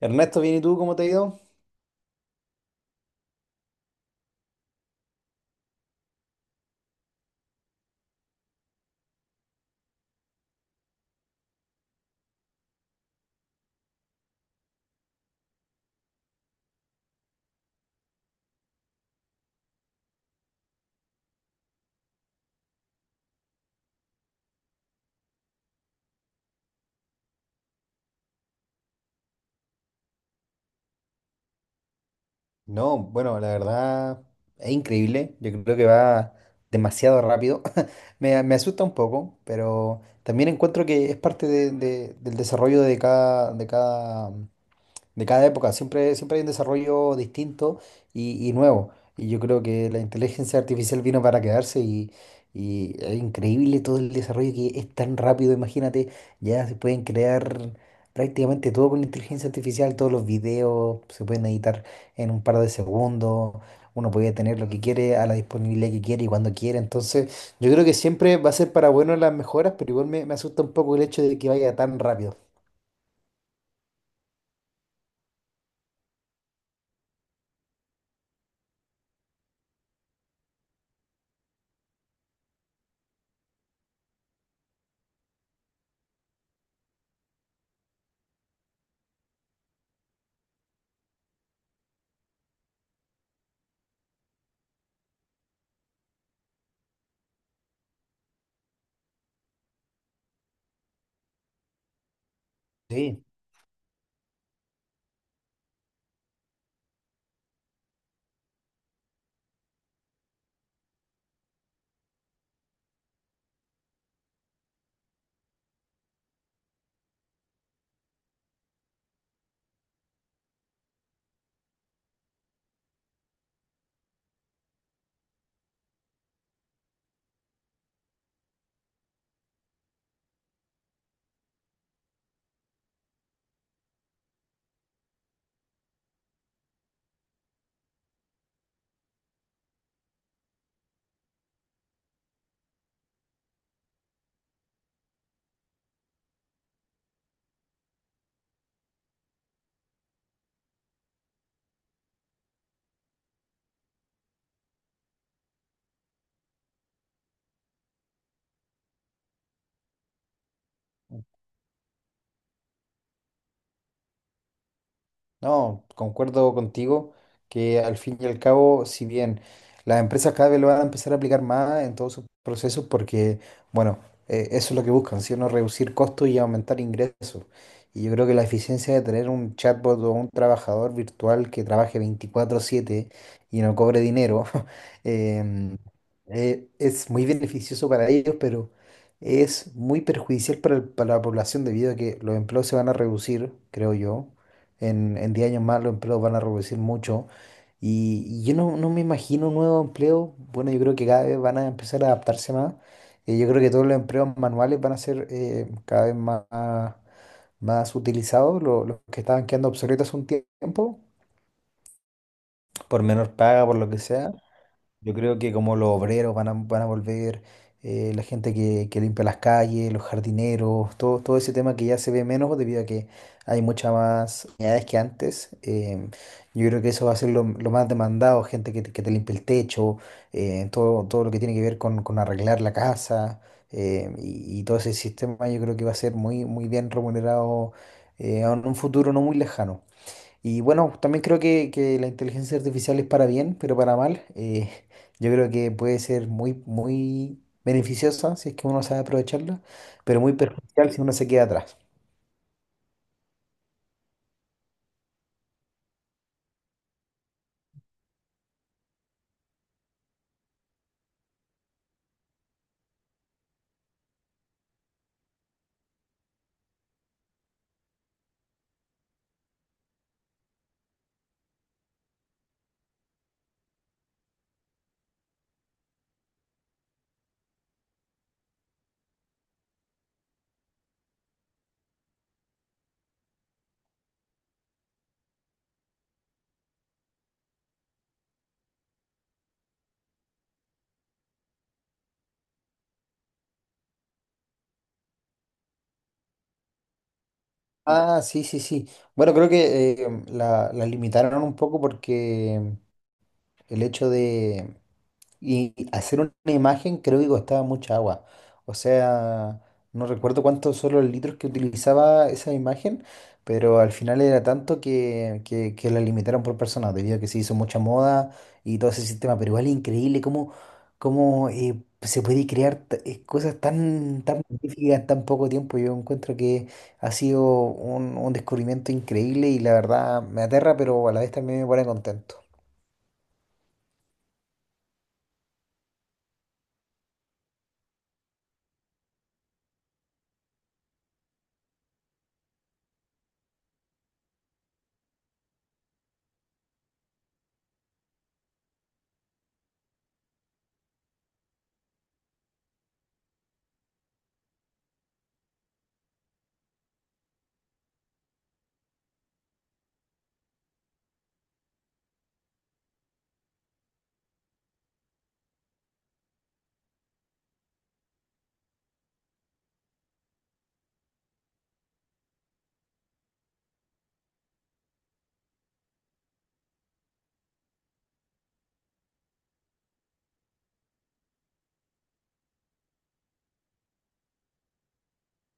Ernesto, bien, ¿y tú cómo te ha ido? No, bueno, la verdad es increíble. Yo creo que va demasiado rápido. Me asusta un poco, pero también encuentro que es parte del desarrollo de cada época. Siempre hay un desarrollo distinto y nuevo. Y yo creo que la inteligencia artificial vino para quedarse y es increíble todo el desarrollo que es tan rápido. Imagínate, ya se pueden crear prácticamente todo con inteligencia artificial, todos los videos se pueden editar en un par de segundos. Uno puede tener lo que quiere a la disponibilidad que quiere y cuando quiere. Entonces, yo creo que siempre va a ser para bueno las mejoras, pero igual me asusta un poco el hecho de que vaya tan rápido. Sí. No, concuerdo contigo que, al fin y al cabo, si bien las empresas cada vez lo van a empezar a aplicar más en todos sus procesos, porque, bueno, eso es lo que buscan, ¿sí o no? Reducir costos y aumentar ingresos. Y yo creo que la eficiencia de tener un chatbot o un trabajador virtual que trabaje 24/7 y no cobre dinero, em, es muy beneficioso para ellos, pero es muy perjudicial para, para la población debido a que los empleos se van a reducir, creo yo, en 10 años más los empleos van a reducir mucho. Y yo no me imagino un nuevo empleo. Bueno, yo creo que cada vez van a empezar a adaptarse más. Y yo creo que todos los empleos manuales van a ser cada vez más utilizados. Los que estaban quedando obsoletos hace un tiempo, por menor paga, por lo que sea. Yo creo que, como los obreros van a volver, la gente que limpia las calles, los jardineros, todo ese tema que ya se ve menos debido a que hay muchas más unidades que antes. Yo creo que eso va a ser lo más demandado, gente que te limpie el techo, todo lo que tiene que ver con arreglar la casa, y todo ese sistema yo creo que va a ser muy bien remunerado, en un futuro no muy lejano. Y bueno, también creo que la inteligencia artificial es para bien, pero para mal. Yo creo que puede ser muy beneficiosa si es que uno sabe aprovecharla, pero muy perjudicial si uno se queda atrás. Ah, sí, sí, sí. Bueno, creo que la limitaron un poco porque el hecho de, y hacer una imagen creo que costaba mucha agua. O sea, no recuerdo cuántos son los litros que utilizaba esa imagen, pero al final era tanto que la limitaron por persona, debido a que se hizo mucha moda y todo ese sistema. Pero igual es increíble cómo se puede crear cosas tan magníficas en tan poco tiempo. Yo encuentro que ha sido un descubrimiento increíble y la verdad me aterra, pero a la vez también me pone contento.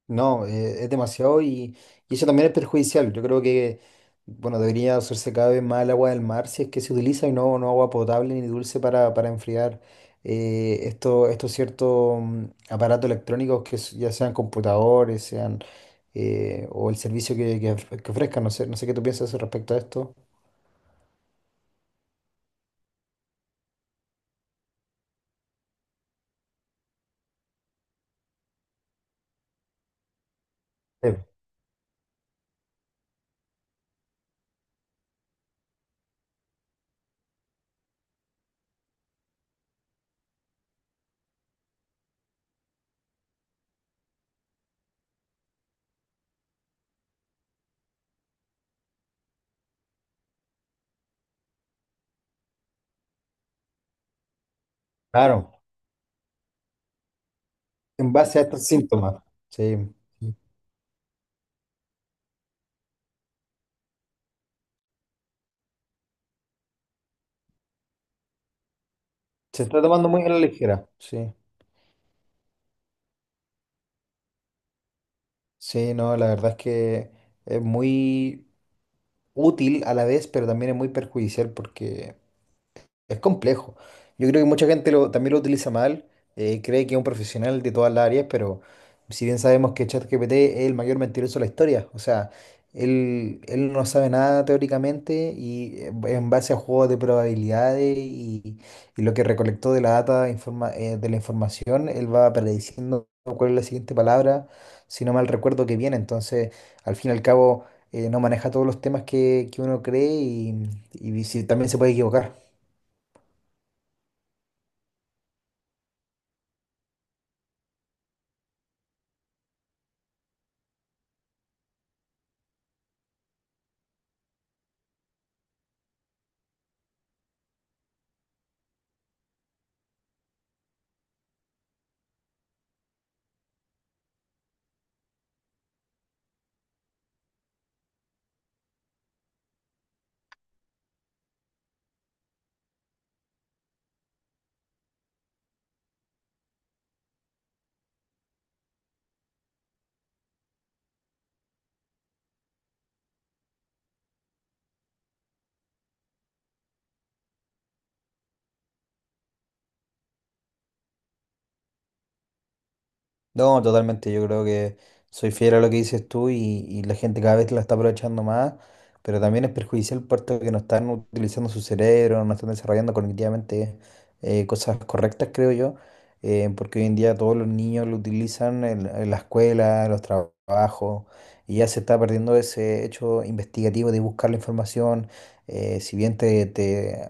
No, es demasiado y eso también es perjudicial. Yo creo que, bueno, debería usarse cada vez más el agua del mar si es que se utiliza y no, no agua potable ni dulce para enfriar estos ciertos aparatos electrónicos que ya sean computadores, sean o el servicio que ofrezcan. No sé, no sé qué tú piensas respecto a esto. Sí, claro, en base a estos síntomas. Sí, sí. Se está tomando muy a la ligera. Sí. Sí, no, la verdad es que es muy útil a la vez, pero también es muy perjudicial porque... es complejo. Yo creo que mucha gente también lo utiliza mal, cree que es un profesional de todas las áreas, pero si bien sabemos que ChatGPT es el mayor mentiroso de la historia, o sea, él no sabe nada teóricamente y, en base a juegos de probabilidades y lo que recolectó de la data, de la información, él va prediciendo cuál es la siguiente palabra, si no mal recuerdo que viene. Entonces, al fin y al cabo, no maneja todos los temas que uno cree y también se puede equivocar. No, totalmente. Yo creo que soy fiel a lo que dices tú y la gente cada vez la está aprovechando más, pero también es perjudicial puesto que no están utilizando su cerebro, no están desarrollando cognitivamente cosas correctas, creo yo, porque hoy en día todos los niños lo utilizan en la escuela, en los trabajos, y ya se está perdiendo ese hecho investigativo de buscar la información. Si bien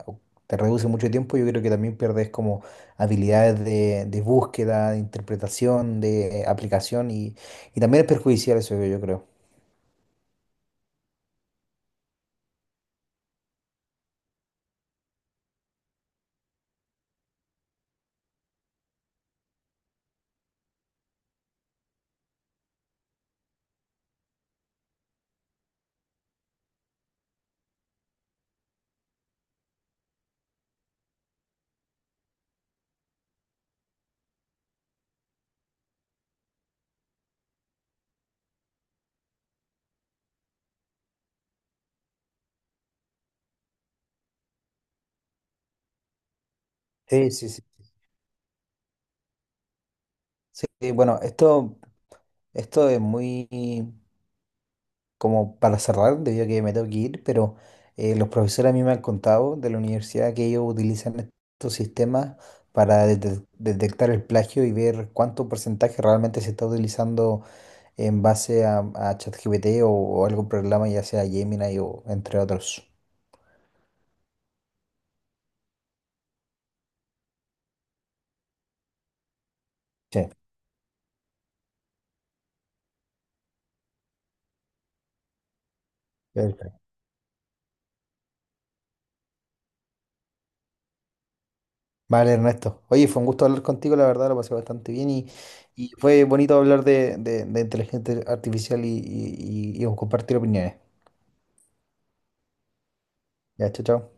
te reduce mucho tiempo, yo creo que también pierdes como habilidades de búsqueda, de interpretación, de aplicación y también es perjudicial eso, yo creo. Sí, sí, sí. Sí, bueno, esto es muy como para cerrar, debido a que me tengo que ir, pero los profesores a mí me han contado de la universidad que ellos utilizan estos sistemas para detectar el plagio y ver cuánto porcentaje realmente se está utilizando en base a ChatGPT o algún programa, ya sea Gemini o entre otros. Sí, perfecto. Vale, Ernesto. Oye, fue un gusto hablar contigo, la verdad, lo pasé bastante bien y fue bonito hablar de inteligencia artificial y compartir opiniones. Ya, chao, chao.